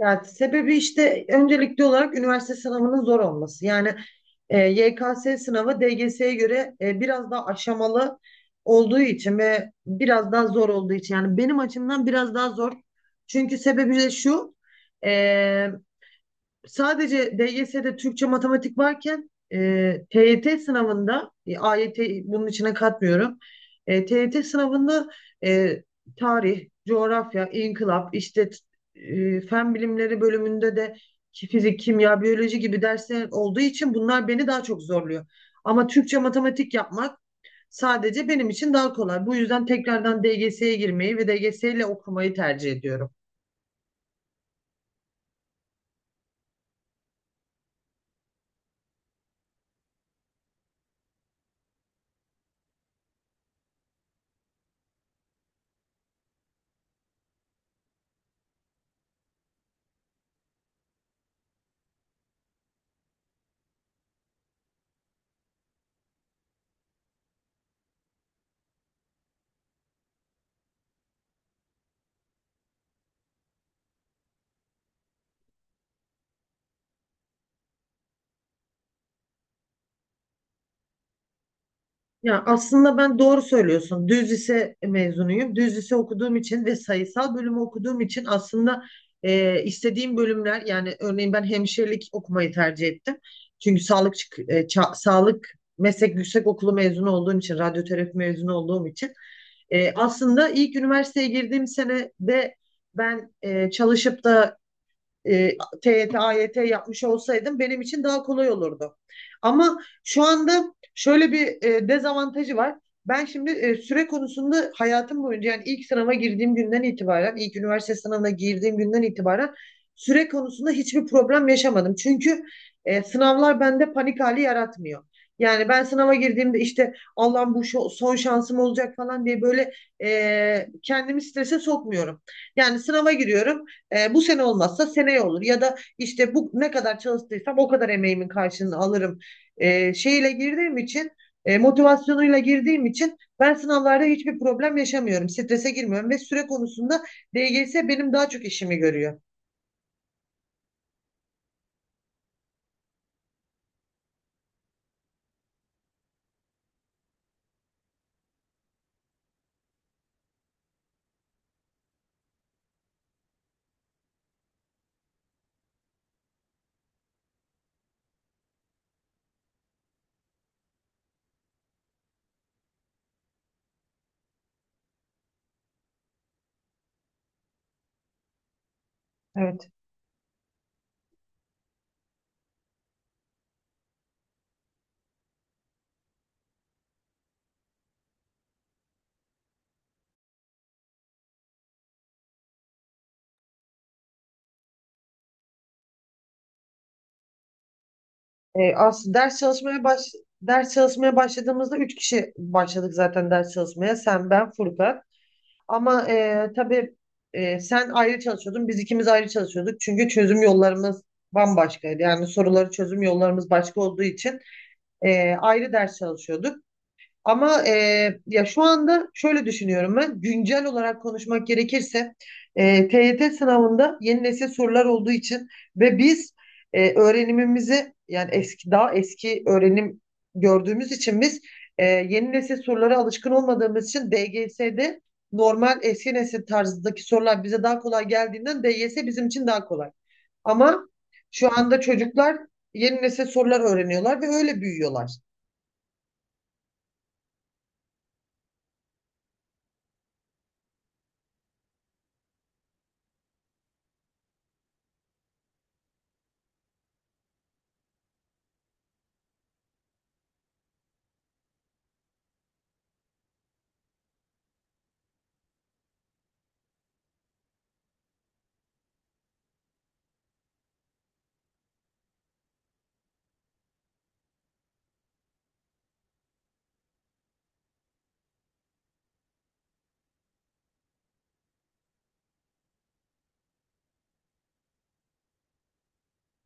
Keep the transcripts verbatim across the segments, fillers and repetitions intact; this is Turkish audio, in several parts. Yani sebebi işte öncelikli olarak üniversite sınavının zor olması. Yani e, Y K S sınavı D G S'ye göre e, biraz daha aşamalı olduğu için ve biraz daha zor olduğu için. Yani benim açımdan biraz daha zor. Çünkü sebebi de şu. e, Sadece D G S'de Türkçe matematik varken e, T Y T sınavında e, A Y T bunun içine katmıyorum. E, T Y T sınavında e, tarih, coğrafya, inkılap, işte e, fen bilimleri bölümünde de ki fizik, kimya, biyoloji gibi dersler olduğu için bunlar beni daha çok zorluyor. Ama Türkçe matematik yapmak sadece benim için daha kolay. Bu yüzden tekrardan D G S'ye girmeyi ve D G S ile okumayı tercih ediyorum. Ya aslında ben doğru söylüyorsun. Düz lise mezunuyum. Düz lise okuduğum için ve sayısal bölümü okuduğum için aslında e, istediğim bölümler yani örneğin ben hemşirelik okumayı tercih ettim. Çünkü sağlık çık- e, ça- sağlık meslek yüksekokulu mezunu olduğum için, radyoterapi mezunu olduğum için e, aslında ilk üniversiteye girdiğim sene de ben e, çalışıp da e, T Y T, T A Y T yapmış olsaydım benim için daha kolay olurdu. Ama şu anda şöyle bir e, dezavantajı var. Ben şimdi e, süre konusunda hayatım boyunca yani ilk sınava girdiğim günden itibaren, ilk üniversite sınavına girdiğim günden itibaren süre konusunda hiçbir problem yaşamadım. Çünkü e, sınavlar bende panik hali yaratmıyor. Yani ben sınava girdiğimde işte Allah'ım bu şo- son şansım olacak falan diye böyle e, kendimi strese sokmuyorum. Yani sınava giriyorum. E, bu sene olmazsa seneye olur ya da işte bu ne kadar çalıştıysam o kadar emeğimin karşılığını alırım e, şeyle girdiğim için e, motivasyonuyla girdiğim için ben sınavlarda hiçbir problem yaşamıyorum. Strese girmiyorum ve süre konusunda D G S benim daha çok işimi görüyor. Evet. E, aslında ders çalışmaya baş ders çalışmaya başladığımızda üç kişi başladık zaten ders çalışmaya. Sen, ben, Furkan. Ama e, tabii e, sen ayrı çalışıyordun, biz ikimiz ayrı çalışıyorduk. Çünkü çözüm yollarımız bambaşkaydı. Yani soruları çözüm yollarımız başka olduğu için e, ayrı ders çalışıyorduk. Ama e, ya şu anda şöyle düşünüyorum ben. Güncel olarak konuşmak gerekirse e, T Y T sınavında yeni nesil sorular olduğu için ve biz e, öğrenimimizi yani eski daha eski öğrenim gördüğümüz için biz e, yeni nesil sorulara alışkın olmadığımız için D G S'de normal eski nesil tarzındaki sorular bize daha kolay geldiğinden D Y S bizim için daha kolay. Ama şu anda çocuklar yeni nesil sorular öğreniyorlar ve öyle büyüyorlar.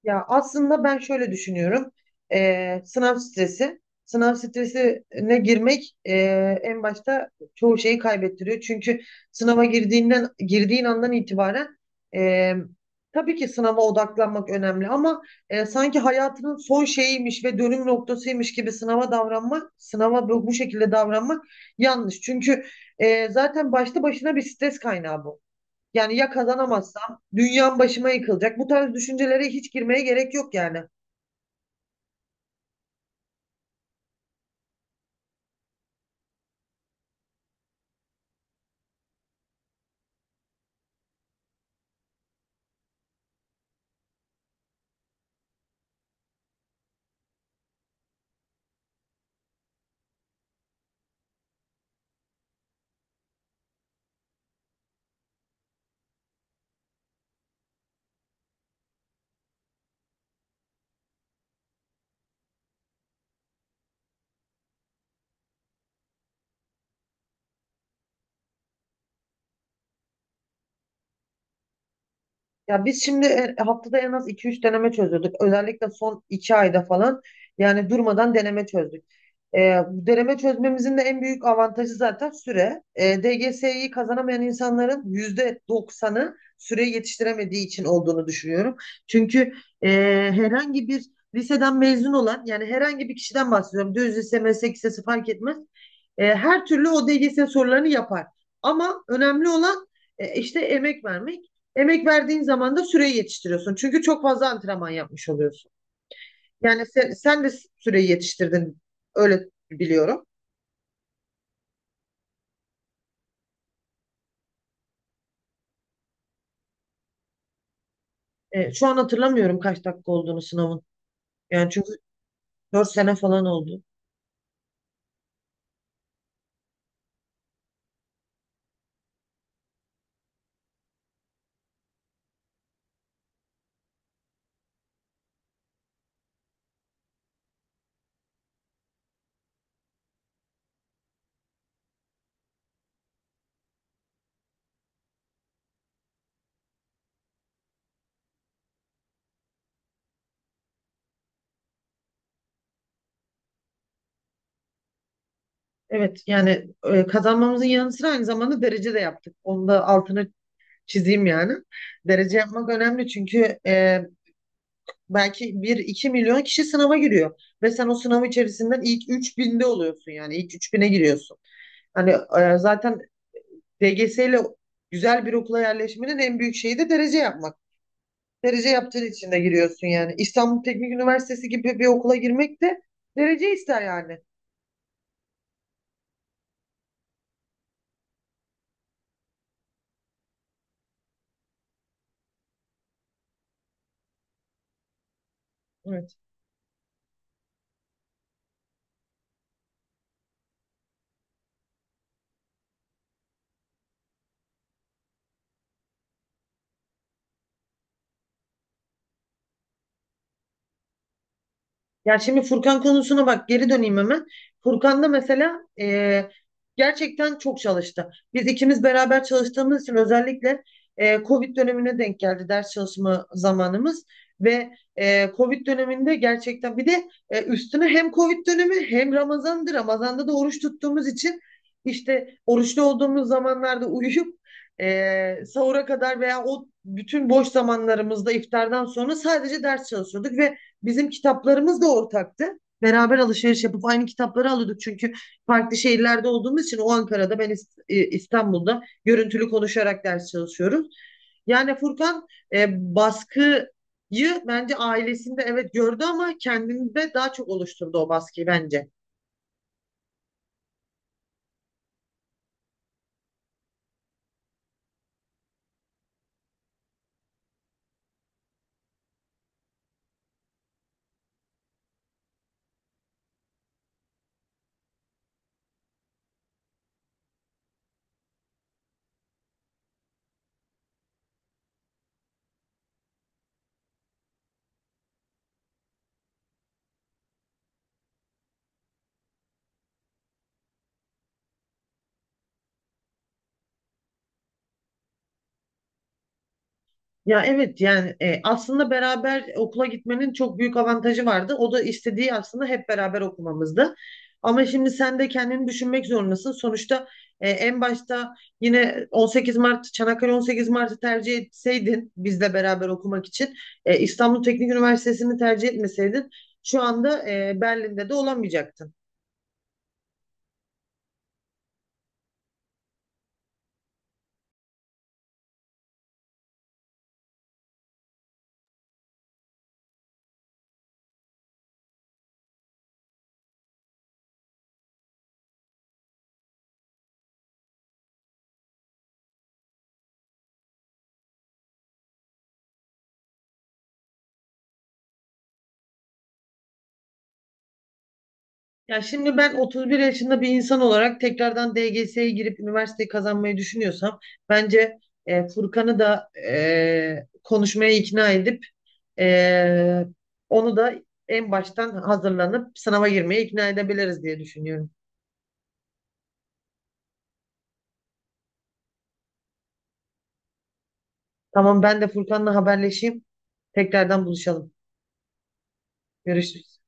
Ya aslında ben şöyle düşünüyorum. Ee, sınav stresi. Sınav stresine girmek e, en başta çoğu şeyi kaybettiriyor. Çünkü sınava girdiğinden girdiğin andan itibaren e, tabii ki sınava odaklanmak önemli ama e, sanki hayatının son şeyiymiş ve dönüm noktasıymış gibi sınava davranmak, sınava bu, bu şekilde davranmak yanlış. Çünkü e, zaten başlı başına bir stres kaynağı bu. Yani ya kazanamazsam dünyam başıma yıkılacak. Bu tarz düşüncelere hiç girmeye gerek yok yani. Ya biz şimdi e, haftada en az iki üç deneme çözüyorduk. Özellikle son iki ayda falan yani durmadan deneme çözdük. E, Deneme çözmemizin de en büyük avantajı zaten süre. E, D G S'yi kazanamayan insanların yüzde doksanı süreyi yetiştiremediği için olduğunu düşünüyorum. Çünkü e, herhangi bir liseden mezun olan yani herhangi bir kişiden bahsediyorum. Düz lise, meslek lisesi fark etmez. E, her türlü o D G S sorularını yapar. Ama önemli olan e, işte emek vermek. Emek verdiğin zaman da süreyi yetiştiriyorsun. Çünkü çok fazla antrenman yapmış oluyorsun. Yani sen, sen de süreyi yetiştirdin. Öyle biliyorum. E, şu an hatırlamıyorum kaç dakika olduğunu sınavın. Yani çünkü dört sene falan oldu. Evet yani e, kazanmamızın yanı sıra aynı zamanda derece de yaptık. Onu da altını çizeyim yani. Derece yapmak önemli çünkü e, belki bir iki milyon kişi sınava giriyor. Ve sen o sınav içerisinden ilk üç binde oluyorsun yani. İlk üç bine giriyorsun. Hani e, zaten D G S ile güzel bir okula yerleşmenin en büyük şeyi de derece yapmak. Derece yaptığın için de giriyorsun yani. İstanbul Teknik Üniversitesi gibi bir okula girmek de derece ister yani. Ya şimdi Furkan konusuna bak geri döneyim hemen. Furkan da mesela e, gerçekten çok çalıştı. Biz ikimiz beraber çalıştığımız için özellikle e, Covid dönemine denk geldi ders çalışma zamanımız. Ve e, Covid döneminde gerçekten bir de e, üstüne hem Covid dönemi hem Ramazan'dı. Ramazan'da da oruç tuttuğumuz için işte oruçlu olduğumuz zamanlarda uyuyup e, sahura kadar veya o bütün boş zamanlarımızda iftardan sonra sadece ders çalışıyorduk ve bizim kitaplarımız da ortaktı. Beraber alışveriş yapıp aynı kitapları alıyorduk. Çünkü farklı şehirlerde olduğumuz için o Ankara'da, ben e, İstanbul'da görüntülü konuşarak ders çalışıyoruz. Yani Furkan e, baskıyı bence ailesinde evet gördü ama kendinde daha çok oluşturdu o baskıyı bence. Ya evet yani e, aslında beraber okula gitmenin çok büyük avantajı vardı. O da istediği aslında hep beraber okumamızdı. Ama şimdi sen de kendini düşünmek zorundasın. Sonuçta e, en başta yine on sekiz Mart, Çanakkale on sekiz Mart'ı tercih etseydin bizle beraber okumak için e, İstanbul Teknik Üniversitesi'ni tercih etmeseydin şu anda e, Berlin'de de olamayacaktın. Ya şimdi ben otuz bir yaşında bir insan olarak tekrardan D G S'ye girip üniversiteyi kazanmayı düşünüyorsam bence e, Furkan'ı da e, konuşmaya ikna edip e, onu da en baştan hazırlanıp sınava girmeye ikna edebiliriz diye düşünüyorum. Tamam ben de Furkan'la haberleşeyim. Tekrardan buluşalım. Görüşürüz.